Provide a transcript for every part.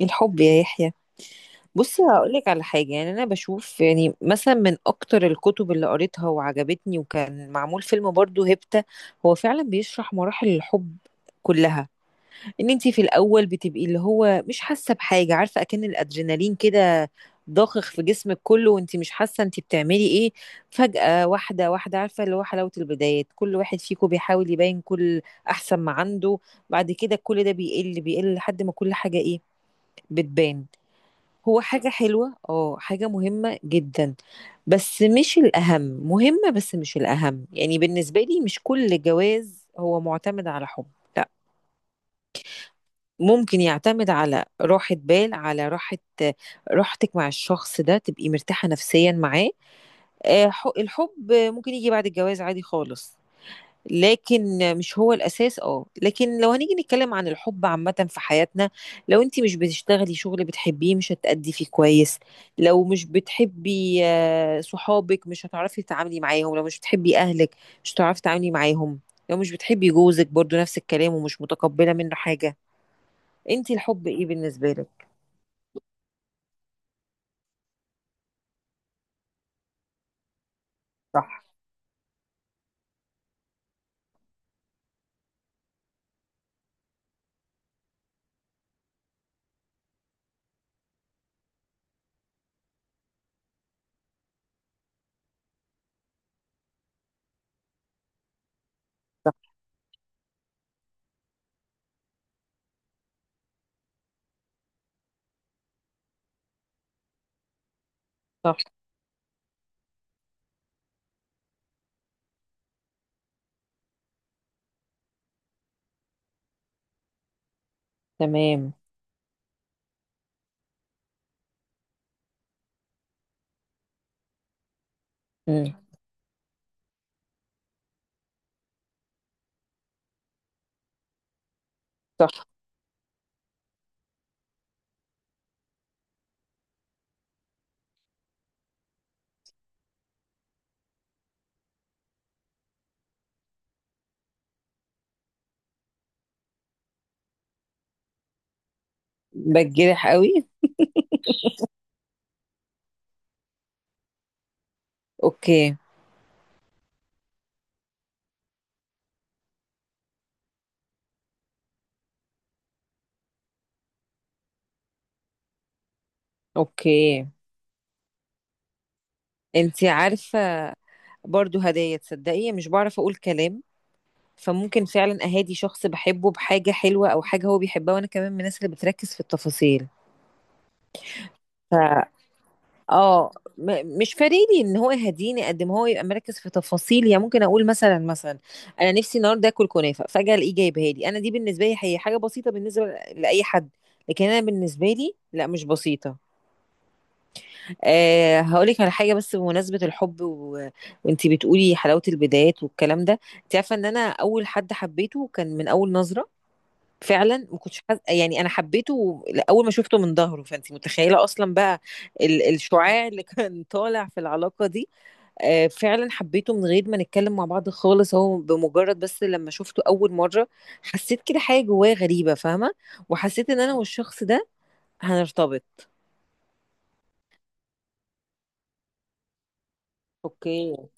الحب يا يحيى. بص هقولك على حاجة، يعني أنا بشوف، يعني مثلا من أكتر الكتب اللي قريتها وعجبتني وكان معمول فيلم برضو هيبتا. هو فعلا بيشرح مراحل الحب كلها. ان انتي في الأول بتبقي اللي هو مش حاسة بحاجة، عارفة أكن الأدرينالين كده ضاخخ في جسمك كله وانتي مش حاسة انتي بتعملي ايه. فجأة واحدة واحدة، عارفة، اللي هو حلاوة البدايات، كل واحد فيكم بيحاول يبين كل أحسن ما عنده. بعد كده كل ده بيقل بيقل لحد ما كل حاجة ايه، بتبان. هو حاجة حلوة، حاجة مهمة جدا، بس مش الأهم. مهمة بس مش الأهم، يعني بالنسبة لي مش كل جواز هو معتمد على حب، لا. ممكن يعتمد على راحة بال، على راحة، راحتك مع الشخص ده، تبقي مرتاحة نفسيا معاه. الحب ممكن يجي بعد الجواز عادي خالص. لكن مش هو الأساس، لكن لو هنيجي نتكلم عن الحب عامة في حياتنا، لو انت مش بتشتغلي شغل بتحبيه مش هتأدي فيه كويس. لو مش بتحبي صحابك مش هتعرفي تتعاملي معاهم. لو مش بتحبي أهلك مش هتعرفي تتعاملي معاهم. لو مش بتحبي جوزك برضو نفس الكلام، ومش متقبلة منه حاجة. انت الحب ايه بالنسبة لك؟ صح. صح. تمام. مم. صح. بتجرح قوي. اوكي. اوكي. انت عارفة، برضو هدايا، تصدقي مش بعرف اقول كلام. فممكن فعلا اهادي شخص بحبه بحاجة حلوة او حاجة هو بيحبها، وانا كمان من الناس اللي بتركز في التفاصيل. ف اه مش فارقلي ان هو يهديني قد ما هو يبقى مركز في تفاصيل. يعني ممكن اقول، مثلا انا نفسي النهارده اكل كنافه، فجاه الاقيه جايبها لي، انا دي بالنسبه لي هي حاجه بسيطه بالنسبه لاي حد، لكن انا بالنسبه لي لا مش بسيطه. هقولك على حاجة بس بمناسبة الحب وانتي بتقولي حلاوة البدايات والكلام ده، انت عارفة ان انا اول حد حبيته كان من اول نظرة. فعلا ما كنتش يعني انا حبيته اول ما شفته من ظهره، فانت متخيلة اصلا بقى الشعاع اللي كان طالع في العلاقة دي. فعلا حبيته من غير ما نتكلم مع بعض خالص، هو بمجرد بس لما شفته اول مرة حسيت كده حاجة جوايا غريبة، فاهمة؟ وحسيت ان انا والشخص ده هنرتبط. اوكي.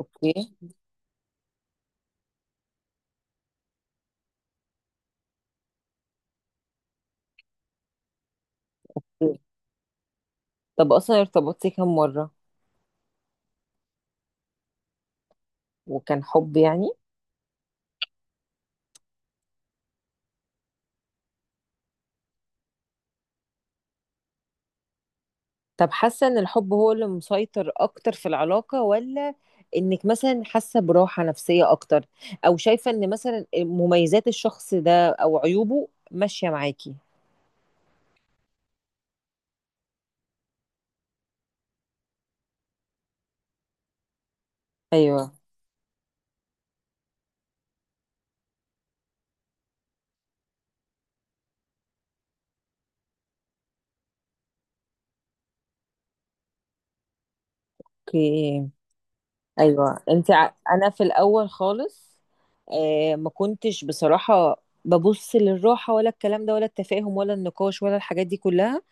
اوكي. طب اصلا ارتبطتي كام مرة؟ وكان حب يعني؟ طب حاسة ان الحب هو اللي مسيطر اكتر في العلاقة، ولا انك مثلا حاسة براحة نفسية اكتر، او شايفة ان مثلا مميزات الشخص ده او عيوبه ماشية معاكي؟ ايوه. اوكي. ايوه انت انا في الاول خالص ما كنتش بصراحة ببص للراحة ولا الكلام ده ولا التفاهم ولا النقاش ولا الحاجات دي كلها.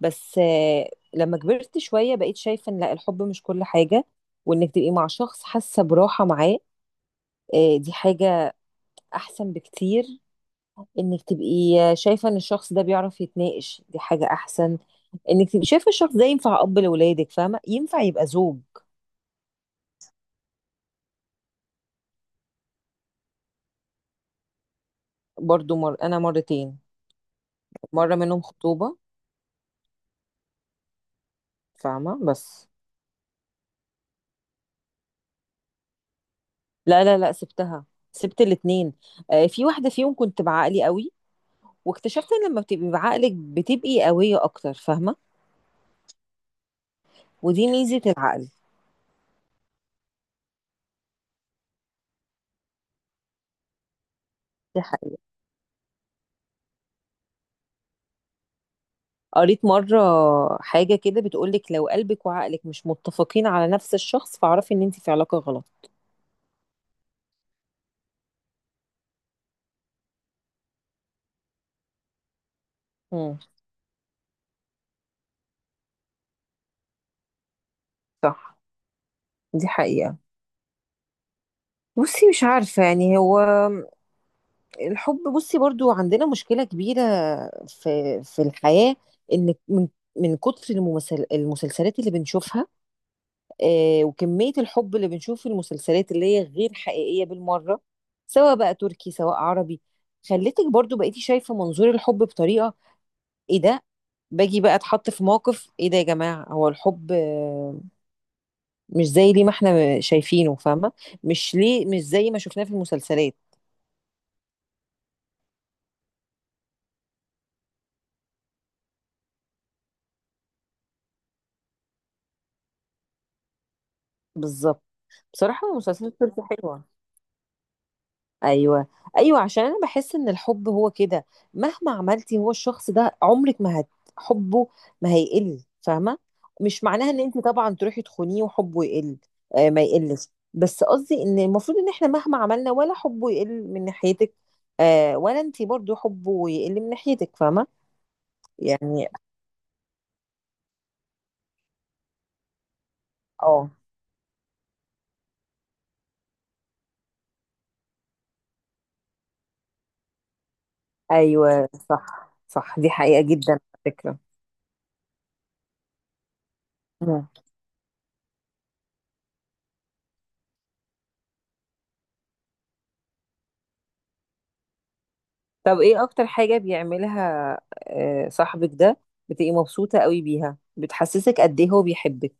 بس لما كبرت شوية بقيت شايفة ان لا الحب مش كل حاجة. وانك تبقي مع شخص حاسة براحة معاه، دي حاجة احسن بكتير. انك تبقي شايفة ان الشخص ده بيعرف يتناقش، دي حاجة احسن. انك تبقي شايفة الشخص ده ينفع اب لولادك، فاهمة؟ ينفع يبقى زوج. برضو انا مرتين. مرة منهم خطوبة، فاهمة؟ بس لا لا لا، سبتها، سبت الاتنين. في واحدة فيهم كنت بعقلي قوي، واكتشفت ان لما بتبقي بعقلك بتبقي قوية اكتر، فاهمة؟ ودي ميزة العقل. دي حقيقة. قريت مرة حاجة كده بتقولك لو قلبك وعقلك مش متفقين على نفس الشخص فاعرفي ان انت في علاقة غلط. امم. صح. دي حقيقة. بصي مش عارفة يعني هو الحب، بصي برضو عندنا مشكلة كبيرة في الحياة. ان من كتر الممثل المسلسلات اللي بنشوفها، وكمية الحب اللي بنشوف في المسلسلات اللي هي غير حقيقية بالمرة، سواء بقى تركي سواء عربي، خلتك برضو بقيتي شايفة منظور الحب بطريقة، ايه ده؟ باجي بقى اتحط في موقف، ايه ده يا جماعه؟ هو الحب مش زي ليه ما احنا شايفينه، فاهمه؟ مش ليه مش زي ما شفناه في المسلسلات. بالظبط. بصراحه المسلسلات بتبقى حلوه. ايوه، ايوه، عشان انا بحس ان الحب هو كده. مهما عملتي هو الشخص ده عمرك ما هت حبه، ما هيقل، فاهمه؟ مش معناها ان انت طبعا تروحي تخونيه وحبه يقل. ما يقلش. بس قصدي ان المفروض ان احنا مهما عملنا ولا حبه يقل من ناحيتك، ولا انت برضو حبه يقل من ناحيتك، فاهمه؟ يعني. اه ايوه، صح، صح، دي حقيقه جدا على فكره. طب ايه اكتر حاجة بيعملها صاحبك ده، بتبقي مبسوطة قوي بيها، بتحسسك قد ايه هو بيحبك؟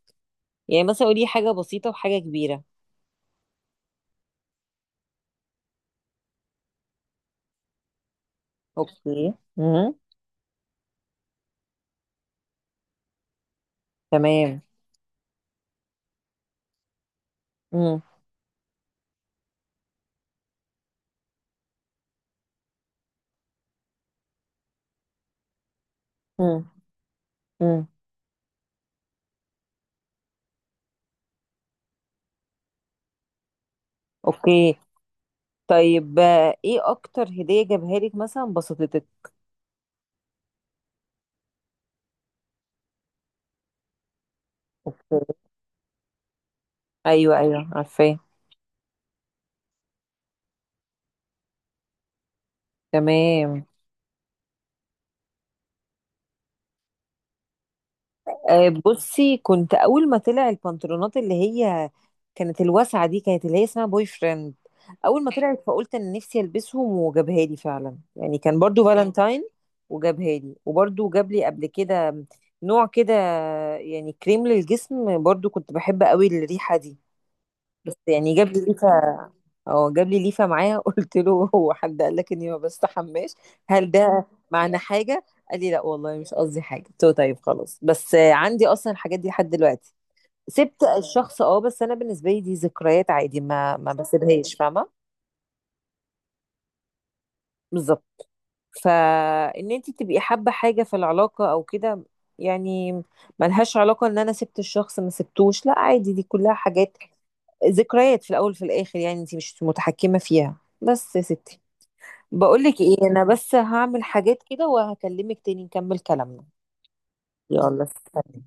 يعني مثلا قولي حاجة بسيطة وحاجة كبيرة. اوكي. امم. تمام. امم. امم. امم. اوكي. طيب ايه اكتر هدية جابها لك مثلا بسطتك؟ ايوه، ايوه، عارفاه. تمام. بصي كنت اول ما طلع البنطلونات اللي هي كانت الواسعه دي، كانت اللي هي اسمها بوي فريند، اول ما طلعت فقلت ان نفسي البسهم، وجابها لي فعلا يعني، كان برضو فالنتاين. وجابها لي وبرضو جاب لي قبل كده نوع كده، يعني كريم للجسم، برضو كنت بحب قوي الريحه دي، بس يعني جاب لي ريحه. اه جاب لي ليفه معايا قلت له هو حد قال لك اني ما بستحماش؟ هل ده معنى حاجه؟ قال لي لا والله مش قصدي حاجه. قلت له طيب خلاص، بس عندي اصلا الحاجات دي لحد دلوقتي. سبت الشخص، بس انا بالنسبه لي دي ذكريات عادي، ما بسيبهاش، فاهمه؟ بالظبط. فان انت تبقي حابه حاجه في العلاقه او كده، يعني ملهاش علاقه ان انا سبت الشخص ما سبتوش، لا عادي دي كلها حاجات ذكريات في الاول وفي الاخر، يعني انت مش متحكمه فيها. بس يا ستي، بقولك ايه، انا بس هعمل حاجات كده وهكلمك تاني نكمل كلامنا. يلا سلام.